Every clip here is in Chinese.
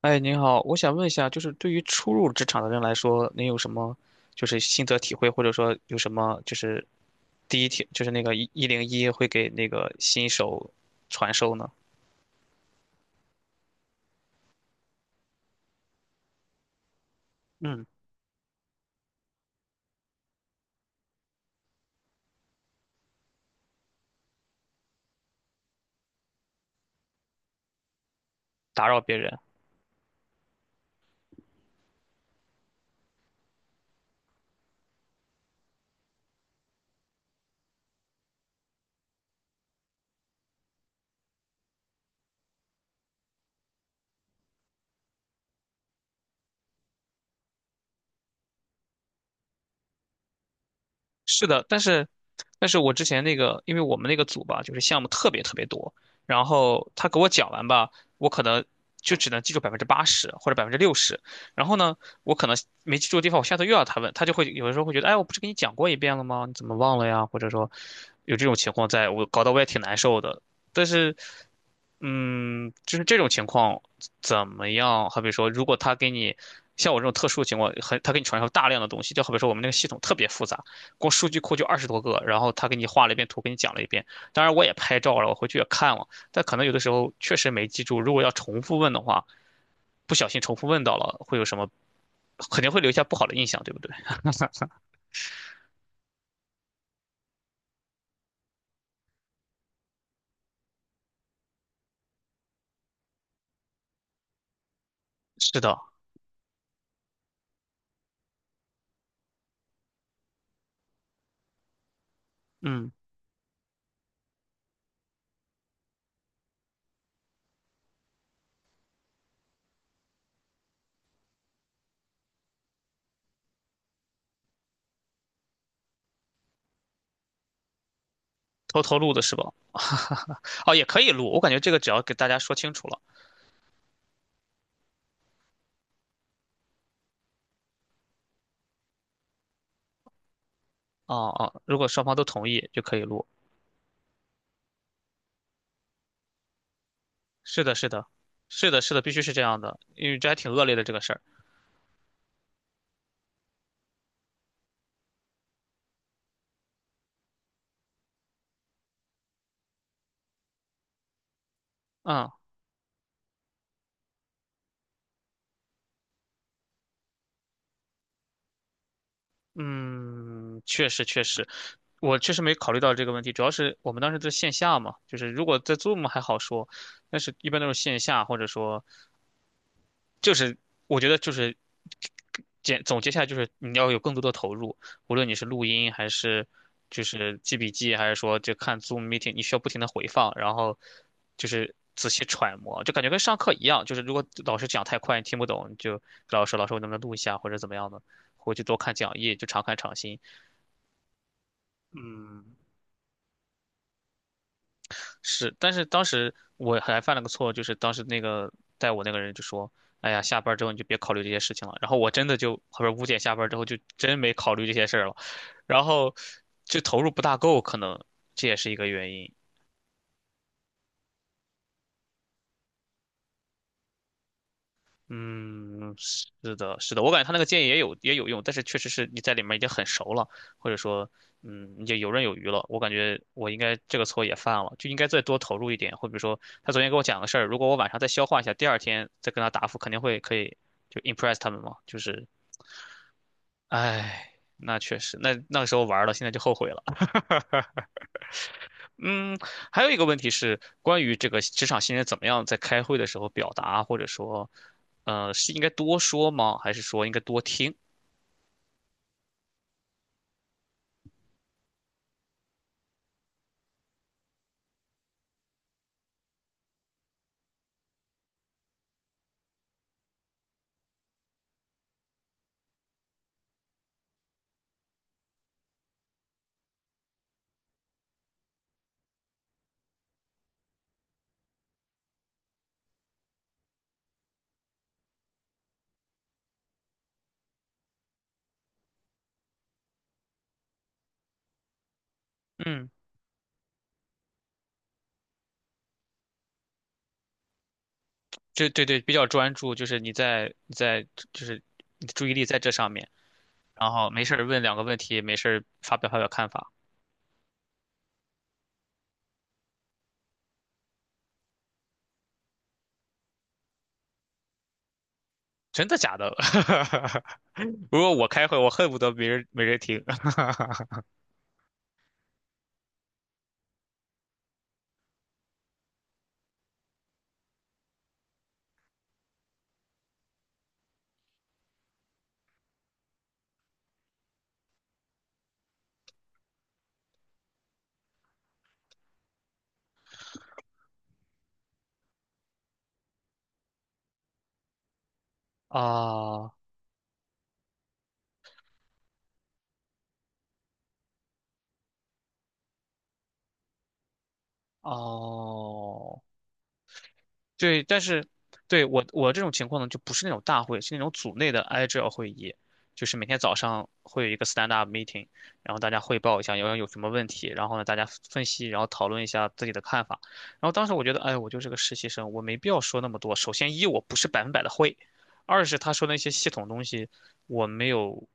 哎，您好，我想问一下，就是对于初入职场的人来说，您有什么就是心得体会，或者说有什么就是第一天就是那个101会给那个新手传授呢？嗯，打扰别人。是的，但是我之前那个，因为我们那个组吧，就是项目特别特别多，然后他给我讲完吧，我可能就只能记住80%或者60%，然后呢，我可能没记住的地方，我下次又要他问，他就会有的时候会觉得，哎，我不是跟你讲过一遍了吗？你怎么忘了呀？或者说有这种情况在，我搞得我也挺难受的。但是，嗯，就是这种情况怎么样？好比说，如果他给你像我这种特殊情况，很他给你传授大量的东西，就好比说我们那个系统特别复杂。光数据库就20多个，然后他给你画了一遍图，给你讲了一遍。当然我也拍照了，我回去也看了，但可能有的时候确实没记住。如果要重复问的话，不小心重复问到了，会有什么？肯定会留下不好的印象，对不对？是的，嗯，偷偷录的是吧？哦，也可以录，我感觉这个只要给大家说清楚了，哦哦，如果双方都同意就可以录。是的，是的，是的，是的，必须是这样的，因为这还挺恶劣的这个事儿，嗯。嗯，确实确实，我确实没考虑到这个问题，主要是我们当时在线下嘛，就是如果在 Zoom 还好说，但是一般都是线下，或者说就是我觉得就是简总结下来就是你要有更多的投入，无论你是录音还是就是记笔记，还是说就看 Zoom meeting，你需要不停的回放，然后就是仔细揣摩，就感觉跟上课一样，就是如果老师讲太快你听不懂，你就跟老师老师我能不能录一下或者怎么样的，回去多看讲义，就常看常新。嗯，是，但是当时我还犯了个错，就是当时那个带我那个人就说：“哎呀，下班之后你就别考虑这些事情了。”然后我真的就，后边5点下班之后就真没考虑这些事儿了，然后就投入不大够，可能这也是一个原因。嗯，是的，是的，我感觉他那个建议也有也有用，但是确实是你在里面已经很熟了，或者说，嗯，你就游刃有余了。我感觉我应该这个错也犯了，就应该再多投入一点。或者说，他昨天跟我讲个事儿，如果我晚上再消化一下，第二天再跟他答复，肯定会可以就 impress 他们嘛。就是，唉，那确实，那个时候玩了，现在就后悔了。嗯，还有一个问题是关于这个职场新人怎么样在开会的时候表达，或者说，是应该多说吗？还是说应该多听？嗯，就对对，比较专注，就是你在就是你的注意力在这上面，然后没事儿问2个问题，没事儿发表发表看法，真的假的？如果我开会，我恨不得没人听。啊哦，对，但是对我这种情况呢，就不是那种大会，是那种组内的 agile 会议，就是每天早上会有一个 stand up meeting，然后大家汇报一下有什么问题，然后呢大家分析，然后讨论一下自己的看法。然后当时我觉得，哎，我就是个实习生，我没必要说那么多。首先一我不是100%的会，二是他说的那些系统东西我没有，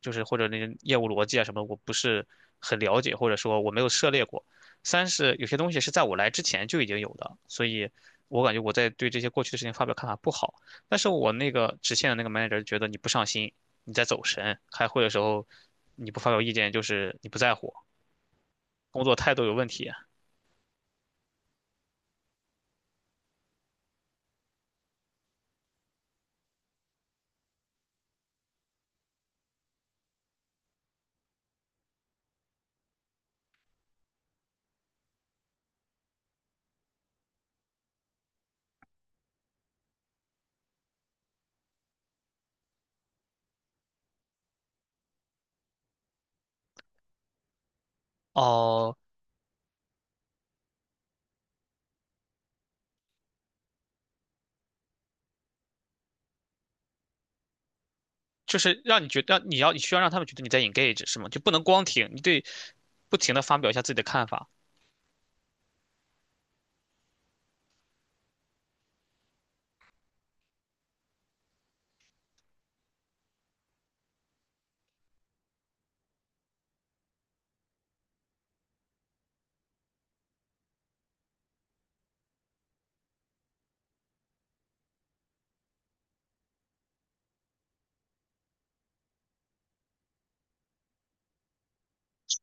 就是或者那些业务逻辑啊什么，我不是很了解，或者说我没有涉猎过。三是有些东西是在我来之前就已经有的，所以我感觉我在对这些过去的事情发表看法不好。但是我那个直线的那个 manager 觉得你不上心，你在走神，开会的时候你不发表意见就是你不在乎，工作态度有问题。哦，就是让你觉得你要你需要让他们觉得你在 engage 是吗？就不能光听，你对不停的发表一下自己的看法。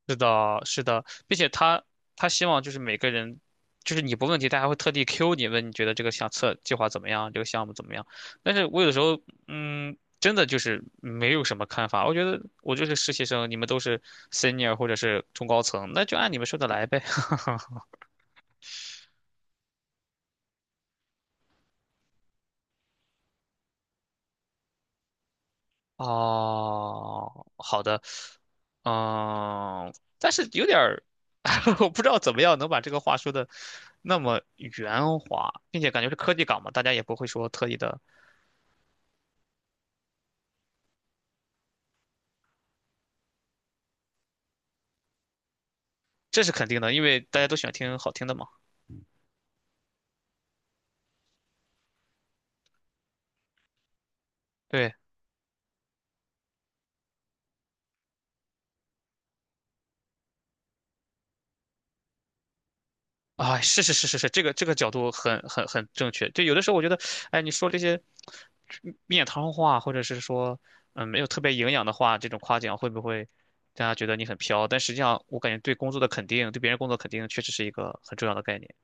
是的，是的，并且他希望就是每个人，就是你不问题，他还会特地 Q 你问你觉得这个相册计划怎么样，这个项目怎么样。但是我有的时候，嗯，真的就是没有什么看法。我觉得我就是实习生，你们都是 senior 或者是中高层，那就按你们说的来呗。哦，好的，嗯，但是有点儿，我不知道怎么样能把这个话说的那么圆滑，并且感觉是科技岗嘛，大家也不会说特意的这是肯定的，因为大家都喜欢听好听的嘛。对，啊，是是是是是，这个角度很正确。就有的时候我觉得，哎，你说这些面汤话，或者是说没有特别营养的话，这种夸奖会不会大家觉得你很飘？但实际上，我感觉对工作的肯定，对别人工作肯定，确实是一个很重要的概念。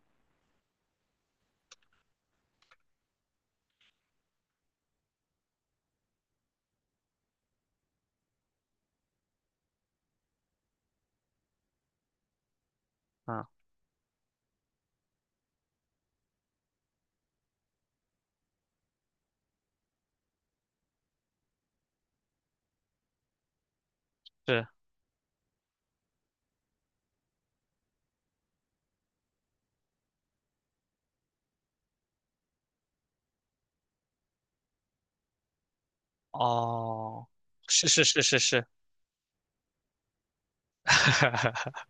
嗯，是哦，是是是是是。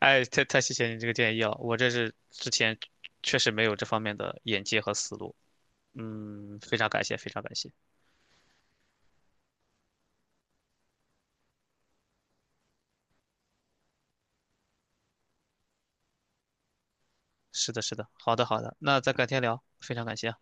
哎，太谢谢你这个建议了，我这是之前确实没有这方面的眼界和思路。嗯，非常感谢，非常感谢。是的，是的，好的，好的，那咱改天聊，非常感谢哈。